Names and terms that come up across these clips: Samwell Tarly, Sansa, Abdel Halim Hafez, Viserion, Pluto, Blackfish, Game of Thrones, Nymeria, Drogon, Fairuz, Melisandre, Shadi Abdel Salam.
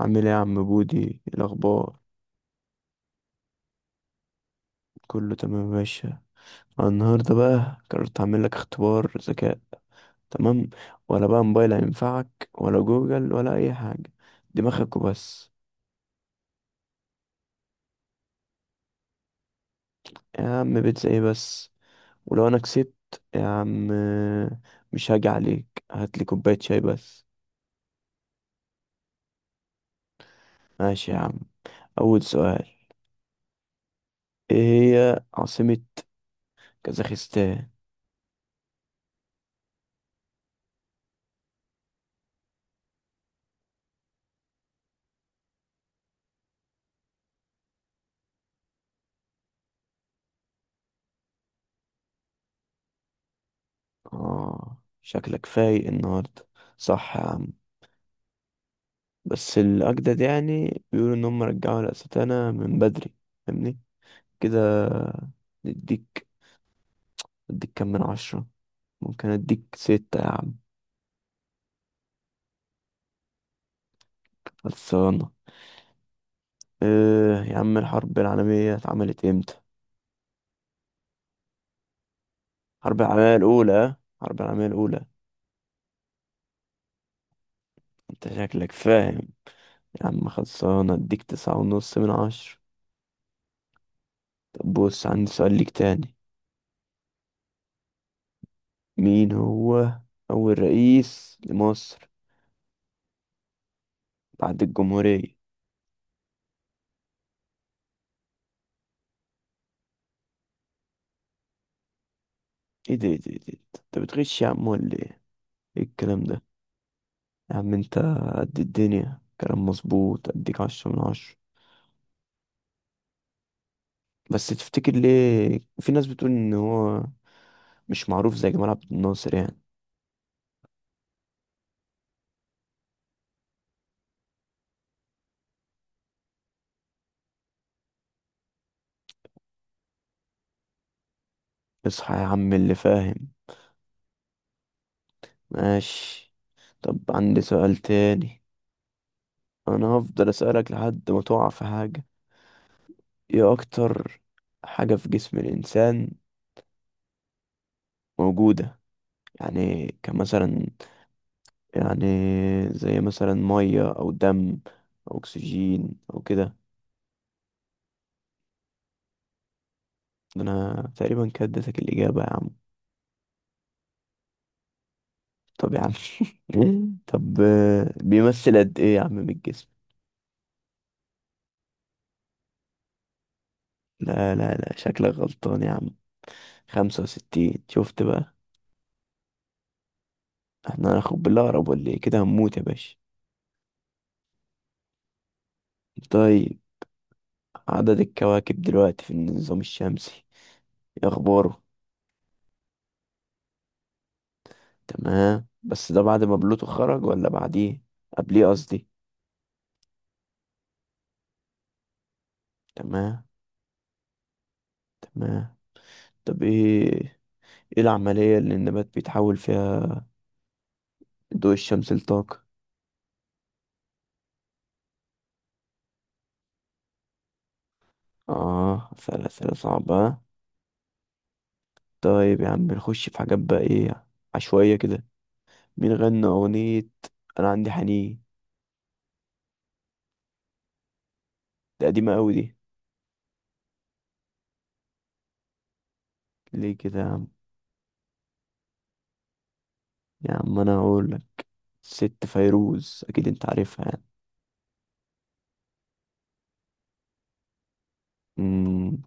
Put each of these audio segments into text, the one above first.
عامل ايه يا عم بودي؟ إيه الاخبار؟ كله تمام يا باشا. أنا النهارده بقى قررت اعمل لك اختبار ذكاء، تمام؟ ولا بقى موبايل هينفعك ولا جوجل ولا اي حاجه، دماغك وبس. يا عم بيتزا ايه بس؟ ولو انا كسبت يا عم، مش هاجي عليك، هات لي كوبايه شاي بس. ماشي يا عم. اول سؤال، ايه هي عاصمه كازاخستان؟ اه شكلك فايق النهارده، صح يا عم، بس الأجدد يعني بيقولوا إن هم رجعوا الأستانة من بدري، فاهمني كده؟ نديك، اديك كام من 10؟ ممكن اديك 6 يا عم. خلصانة؟ إيه يا عم، الحرب العالمية اتعملت امتى؟ الحرب العالمية الأولى، ها؟ الحرب العالمية الأولى. انت شكلك فاهم يا عم، خلصانة، اديك 9 ونص من 10. طب بص، عندي سؤال ليك تاني. مين هو أول رئيس لمصر بعد الجمهورية؟ ايه ده انت بتغش يا عم ولا ايه؟ ايه الكلام ده؟ يا عم انت قد الدنيا، كلام مظبوط، اديك 10 من 10. بس تفتكر ليه في ناس بتقول ان هو مش معروف زي جمال عبد الناصر يعني؟ اصحى يا عم اللي فاهم. ماشي. طب عندي سؤال تاني. انا هفضل اسألك لحد ما تقع في حاجة. ايه اكتر حاجة في جسم الانسان موجودة؟ يعني كمثلا، يعني زي مثلا مية او دم او اكسجين او كده. انا تقريبا كده اديتك الاجابه يا عم. طب يا عم طب بيمثل قد ايه يا عم من الجسم؟ لا لا لا، شكلك غلطان يا عم، 65، شفت بقى؟ احنا هناخد بالاقرب ولا ايه؟ كده هنموت يا باشا. طيب، عدد الكواكب دلوقتي في النظام الشمسي، ايه اخباره؟ تمام، بس ده بعد ما بلوتو خرج ولا بعديه؟ قبليه قصدي. تمام. تمام. طب ايه، ايه العملية اللي النبات بيتحول فيها ضوء الشمس لطاقة؟ اه أسأل أسئلة صعبة. طيب يا عم، نخش في حاجات بقى ايه، عشوائية كده. مين غنى أغنية أنا عندي حنين؟ ده قديمة أوي دي، ليه كده يا عم؟ يا عم أنا هقولك، ست فيروز، أكيد أنت عارفها يعني. مم.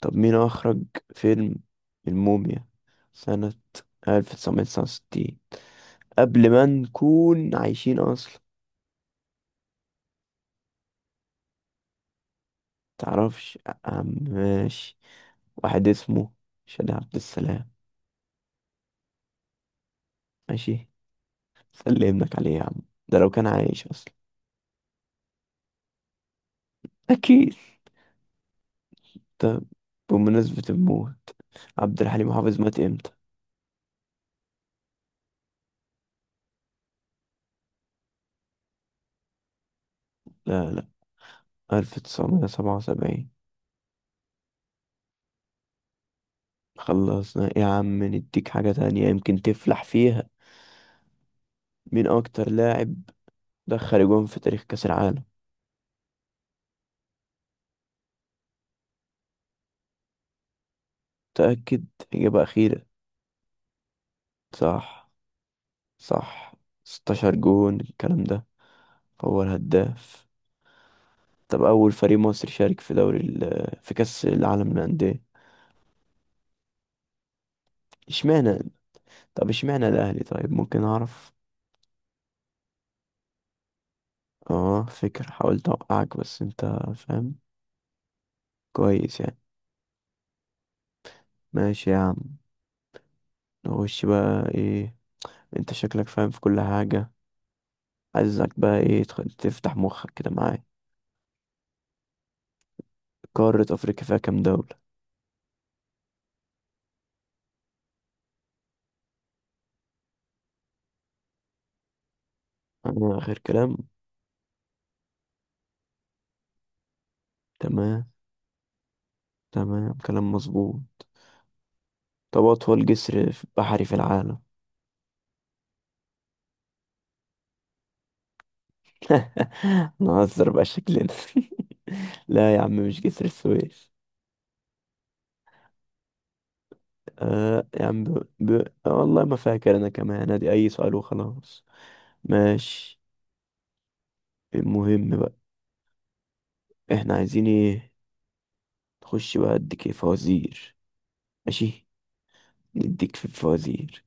طب مين أخرج فيلم الموميا سنة 1969؟ قبل ما نكون عايشين أصلا. متعرفش يا عم؟ ماشي. واحد اسمه شادي عبد السلام. ماشي، خلي ابنك عليه يا عم، ده لو كان عايش اصلا. اكيد. طب بمناسبة الموت، عبد الحليم حافظ مات امتى؟ لا لا، 1977. خلصنا يا عم، نديك حاجة تانية يمكن تفلح فيها. مين اكتر لاعب دخل جون في تاريخ كأس العالم؟ تأكد، اجابة اخيرة. صح، صح. 16 جون الكلام ده، هو الهداف. طب اول فريق مصري شارك في دوري في كأس العالم للأندية؟ اشمعنى؟ طب اشمعنى الاهلي، طيب ممكن اعرف؟ اه فكرة، حاولت اوقعك بس انت فاهم كويس يعني. ماشي يا عم، نخش بقى ايه، انت شكلك فاهم في كل حاجة. عايزك بقى ايه، تفتح مخك كده معايا. قارة افريقيا فيها كام دولة؟ انا اخر كلام. تمام. تمام، كلام مظبوط. طب اطول بحري في العالم؟ نهزر بقى شكلنا لا يا عم مش جسر السويس. آه يا عم ب... ب... والله ما فاكر انا كمان، ادي اي سؤال وخلاص. ماشي. المهم بقى، احنا عايزين ايه، نخش بقى اديك ايه؟ فوازير. ماشي، نديك في الفوازير.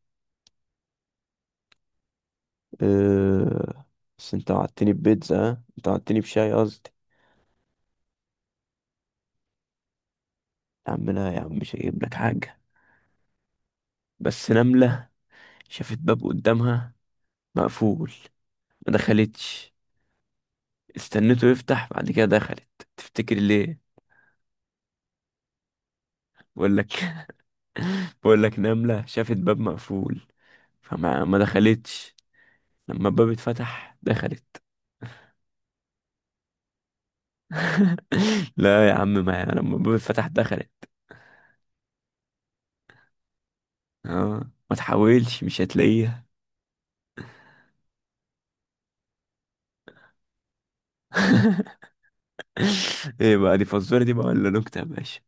أه... بس انت وعدتني ببيتزا، ها؟ انت وعدتني بشاي قصدي. يا عم لا يا عم، مش هجيب لك حاجة. بس نملة شافت باب قدامها مقفول، ما دخلتش، استنته يفتح بعد كده دخلت. تفتكر ليه؟ بقول لك بقول لك، نملة شافت باب مقفول، فما ما دخلتش، لما الباب اتفتح دخلت. لا يا عم، ما انا لما الباب اتفتح دخلت. اه ما تحاولش، مش هتلاقيها. ايه بقى، دي فزوره دي بقى ولا نكته يا باشا؟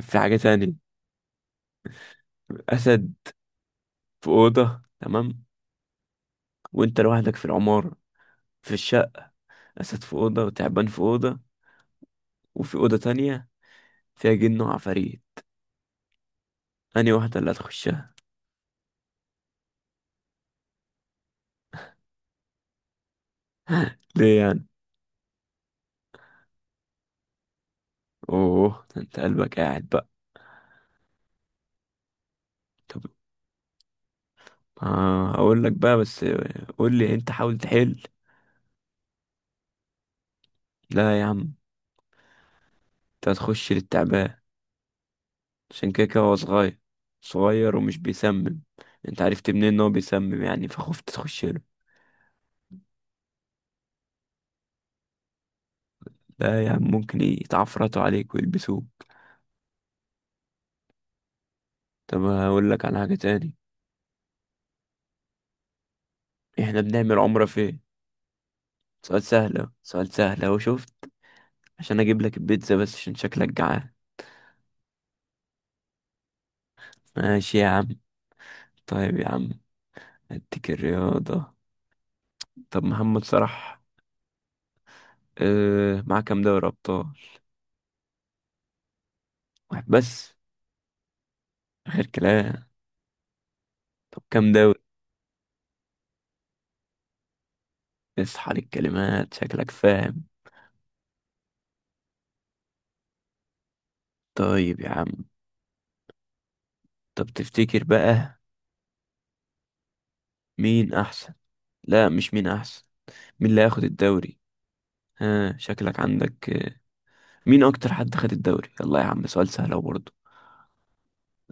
في حاجه تانية. اسد في اوضه، تمام؟ وانت لوحدك في العماره، في الشقه. اسد في اوضه، وتعبان في اوضه، وفي اوضه تانية فيها جن وعفاريت. انهي واحده اللي هتخشها؟ ليه يعني؟ اوه، ده انت قلبك قاعد بقى. طب اه هقول لك بقى، بس قول لي انت، حاول تحل. لا يا عم، انت هتخش للتعبان، عشان كده كده هو صغير، صغير ومش بيسمم. انت عرفت منين ان هو بيسمم يعني، فخفت تخش له؟ لا يا عم، ممكن يتعفرطوا عليك ويلبسوه. طب هقول لك على حاجة تاني. احنا بنعمل عمرة فين؟ سؤال سهل اهو، سؤال سهل اهو، شفت؟ عشان اجيب لك البيتزا بس عشان شكلك جعان. ماشي يا عم. طيب يا عم، اديك الرياضة. طب محمد صلاح، اه معاه كام دوري ابطال؟ واحد بس؟ غير كلام. طب كام دوري؟ اصحى للكلمات، شكلك فاهم. طيب يا عم، طب تفتكر بقى مين احسن؟ لا، مش مين احسن، مين اللي هياخد الدوري؟ ها شكلك عندك مين اكتر حد خد الدوري؟ يلا يا عم، سؤال سهل أهو برضه.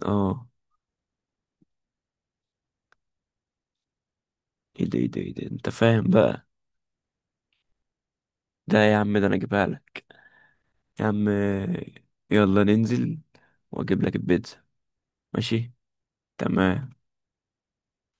اه. ايه ده انت فاهم بقى. ده يا عم، ده انا اجيبها لك يا عم، يلا ننزل واجيب لك البيتزا. ماشي، تمام.